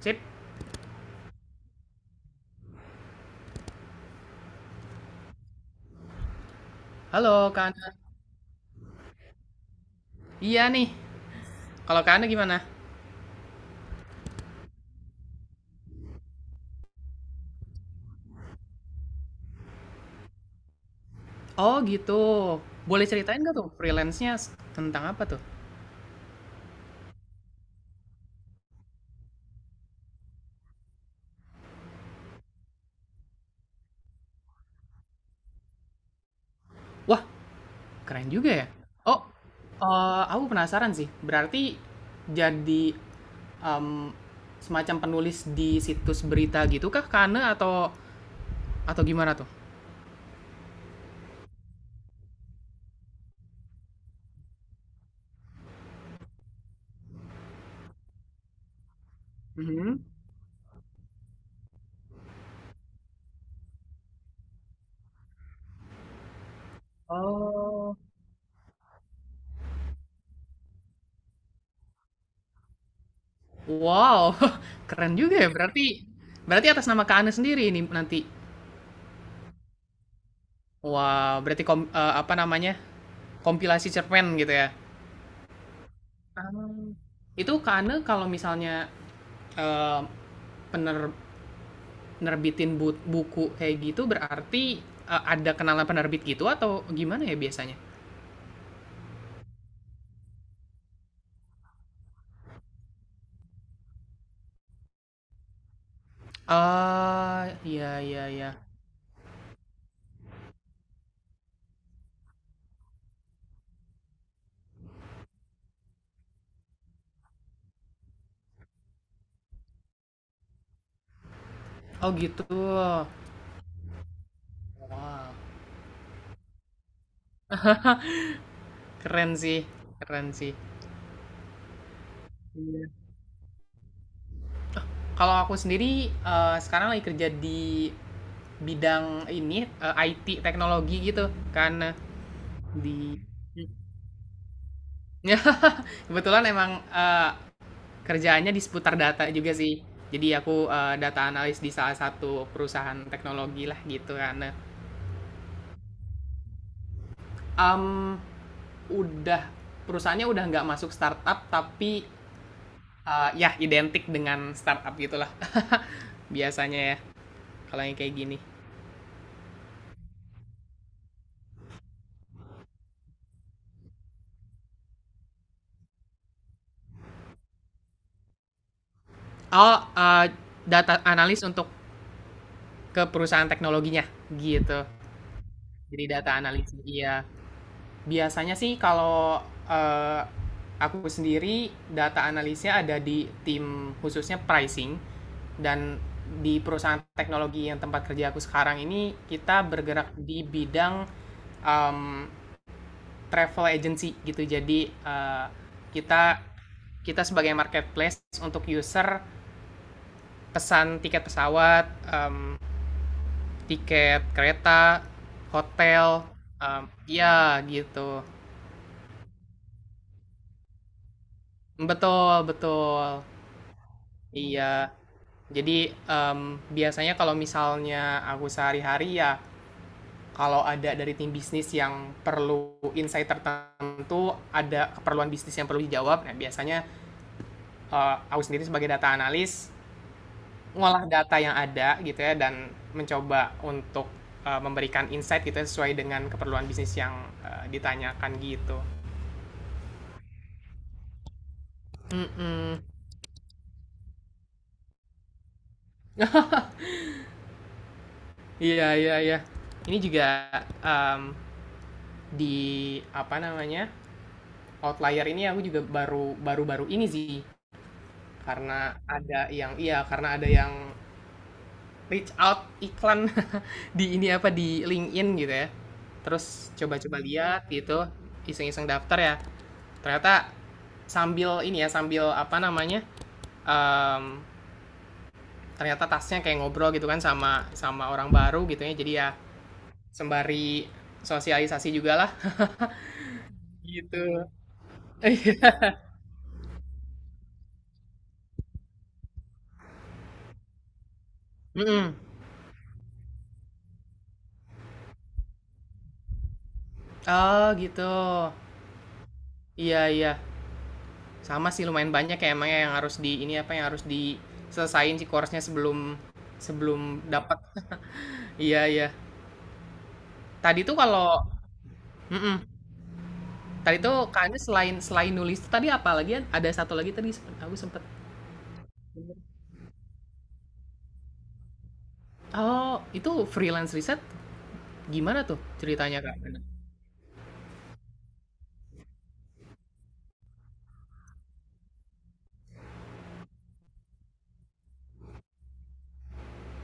Sip. Halo, Kak Ana. Iya nih. Kalau Kak Ana gimana? Oh, gitu. Boleh ceritain nggak tuh freelance-nya tentang apa tuh? Wah, keren juga ya. Oh, aku penasaran sih. Berarti jadi em, semacam penulis di situs berita gitu kah, Kak Ana? Atau gimana tuh? Mhm. Oh. Wow, keren juga ya. Berarti atas nama Kak Ana sendiri ini nanti. Wah, berarti apa namanya, kompilasi cerpen gitu ya? Mmm, itu Kak, kalau misalnya, eee, pener nerbitin but buku kayak gitu berarti, ada kenalan penerbit gitu atau gimana ya biasanya? Ah, iya iya iya. Oh gitu. Wah, keren sih keren sih. Iya. Kalau aku sendiri, sekarang lagi kerja di bidang ini, IT teknologi gitu, Kak. Di ya kebetulan emang, kerjaannya di seputar data juga sih. Jadi aku, data analis di salah satu perusahaan teknologi lah gitu kan. Nah, mmm, udah perusahaannya udah nggak masuk startup tapi, ya identik dengan startup gitulah biasanya ya kalau yang kayak gini. Oh, data analis untuk ke perusahaan teknologinya gitu. Jadi data analis iya. Biasanya sih kalau eh, aku sendiri data analisnya ada di tim khususnya pricing dan di perusahaan teknologi yang tempat kerja aku sekarang ini kita bergerak di bidang um, travel agency gitu. Jadi eh, kita kita sebagai marketplace untuk user pesan tiket pesawat, em, tiket kereta, hotel, ya gitu. Betul, betul. Iya, jadi biasanya kalau misalnya aku sehari-hari ya, kalau ada dari tim bisnis yang perlu insight tertentu, ada keperluan bisnis yang perlu dijawab, nah biasanya aku sendiri sebagai data analis ngolah data yang ada gitu ya, dan mencoba untuk memberikan insight gitu ya, sesuai dengan keperluan bisnis yang ditanyakan gitu. Mm-mm. Iya, iya, iya. Ini juga em, di apa namanya? Outlier ini aku juga baru baru baru ini sih, karena ada yang reach out iklan di ini apa di LinkedIn gitu ya, terus coba-coba lihat gitu, iseng-iseng daftar ya, ternyata sambil ini ya sambil apa namanya, em, ternyata tasnya kayak ngobrol gitu kan sama sama orang baru gitu ya, jadi ya sembari sosialisasi juga lah gitu. Mm-mm. Oh gitu, iya iya. Sama sih, lumayan banyak ya emangnya yang harus di ini apa yang harus diselesain sih course-nya sebelum sebelum dapat. Iya iya. Tadi tuh kalau mhm, tadi tuh Kak, selain selain nulis tuh tadi apa lagi ya? Ada satu lagi tadi sempet aku sempet. Oh, itu freelance riset gimana tuh ceritanya Kak?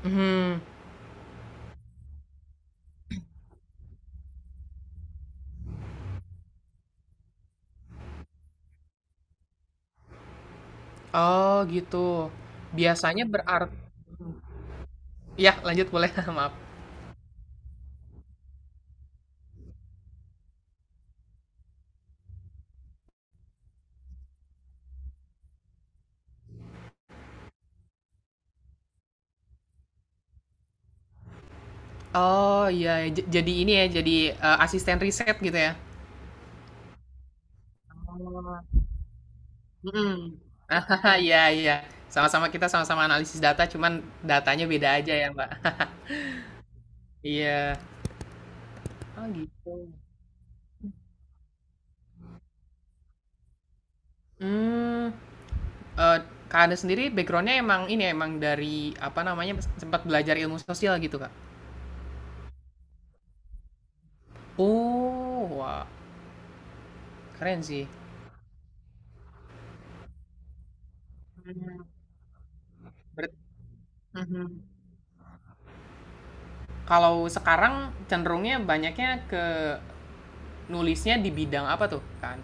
Mhm. Oh gitu. Biasanya berarti, ya lanjut boleh, maaf. Oh iya, jadi ini ya jadi, asisten riset gitu ya? Oh. Mhm. Iya iya. Kita sama-sama analisis data, cuman datanya beda aja ya, Mbak. Iya. Oh, gitu. Mmm, kak Kakaknya sendiri backgroundnya emang ini ya, emang dari, apa namanya, sempat belajar ilmu sosial gitu, Kak? Oh, wah, keren sih. Mmm, beret mhm. Kalau sekarang cenderungnya banyaknya ke nulisnya di bidang apa tuh, kan.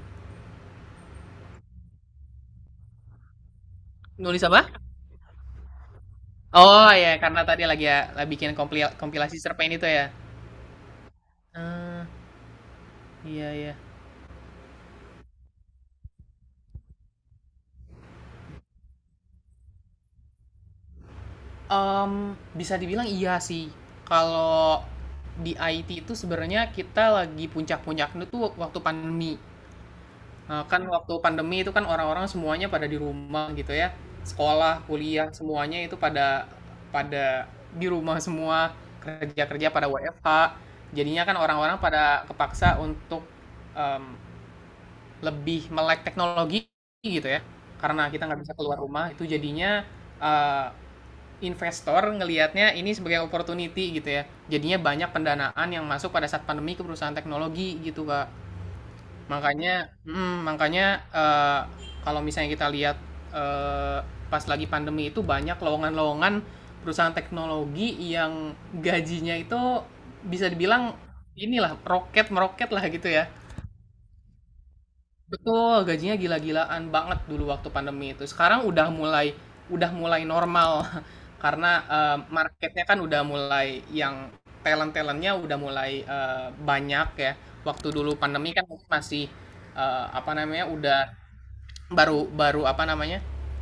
Nulis apa? Oh, ya karena tadi lagi ya, bikin kompilasi cerpen itu ya? Ah, iya iya. Mmm, bisa dibilang iya sih. Kalau di IT itu sebenarnya kita lagi puncak-puncaknya tuh waktu pandemi. Kan waktu pandemi itu kan orang-orang semuanya pada di rumah gitu ya. Sekolah, kuliah, semuanya itu pada pada di rumah semua, kerja-kerja pada WFH. Jadinya kan orang-orang pada kepaksa untuk, mmm, lebih melek teknologi gitu ya, karena kita nggak bisa keluar rumah itu jadinya, eee investor ngelihatnya ini sebagai opportunity gitu ya. Jadinya banyak pendanaan yang masuk pada saat pandemi ke perusahaan teknologi gitu, Kak. Makanya, kalau misalnya kita lihat eh, pas lagi pandemi itu banyak lowongan-lowongan perusahaan teknologi yang gajinya itu bisa dibilang inilah roket meroket lah gitu ya. Betul, gajinya gila-gilaan banget dulu waktu pandemi itu. Sekarang udah mulai normal karena marketnya kan udah mulai yang talent-talentnya udah mulai banyak ya. Waktu dulu pandemi kan mungkin masih apa namanya, udah baru baru apa namanya,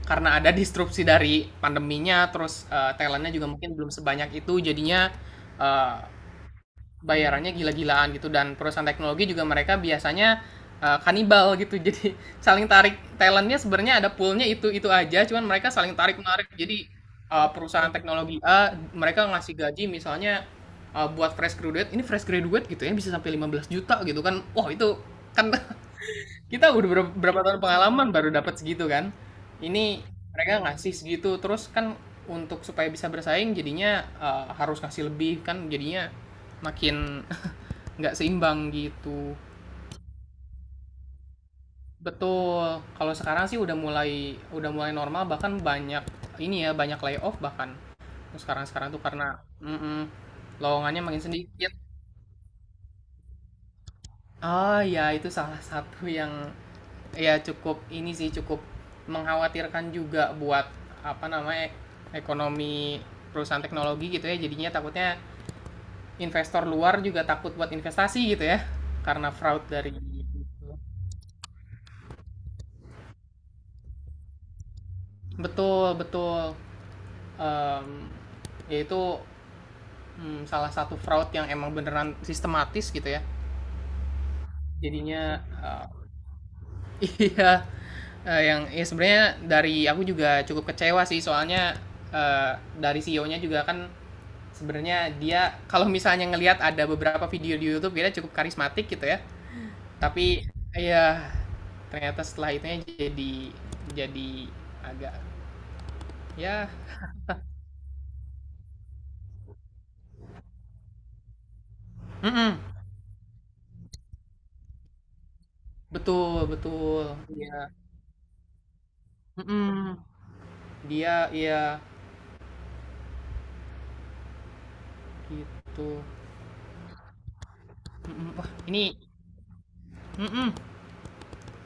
karena ada disrupsi dari pandeminya terus talentnya juga mungkin belum sebanyak itu jadinya eh, bayarannya gila-gilaan gitu, dan perusahaan teknologi juga mereka biasanya kanibal gitu, jadi saling tarik talentnya, sebenarnya ada poolnya itu aja, cuman mereka saling tarik menarik, jadi perusahaan teknologi A mereka ngasih gaji misalnya buat fresh graduate gitu ya bisa sampai 15 juta gitu kan, wah itu kan kita udah berapa, berapa tahun pengalaman baru dapat segitu kan. Ini mereka ngasih segitu terus kan, untuk supaya bisa bersaing jadinya harus ngasih lebih kan, jadinya makin nggak seimbang gitu. Betul. Kalau sekarang sih udah mulai normal, bahkan banyak ini ya, banyak layoff bahkan sekarang sekarang tuh karena mm-mm, lowongannya makin sedikit. Ah ya, itu salah satu yang ya cukup ini sih, cukup mengkhawatirkan juga buat apa namanya ekonomi perusahaan teknologi gitu ya, jadinya takutnya investor luar juga takut buat investasi gitu ya, karena fraud dari betul betul Mmm, yaitu, mmm, salah satu fraud yang emang beneran sistematis gitu ya. Jadinya, eee iya, yang ya sebenarnya dari aku juga cukup kecewa sih soalnya, eee, dari CEO-nya juga kan, sebenarnya dia kalau misalnya ngelihat ada beberapa video di YouTube dia cukup karismatik gitu ya, tapi iya, ternyata setelah itunya jadi jadi agak ya, mhm, betul betul, iya, mhm. Dia iya gitu. Mhm, wah, ini mhm,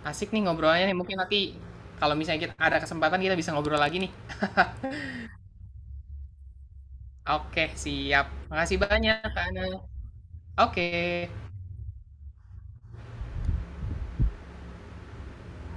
asik nih ngobrolnya nih. Mungkin nanti kalau misalnya kita ada kesempatan kita bisa ngobrol lagi nih. Oke, siap. Makasih banyak, Kak Ana. Oke.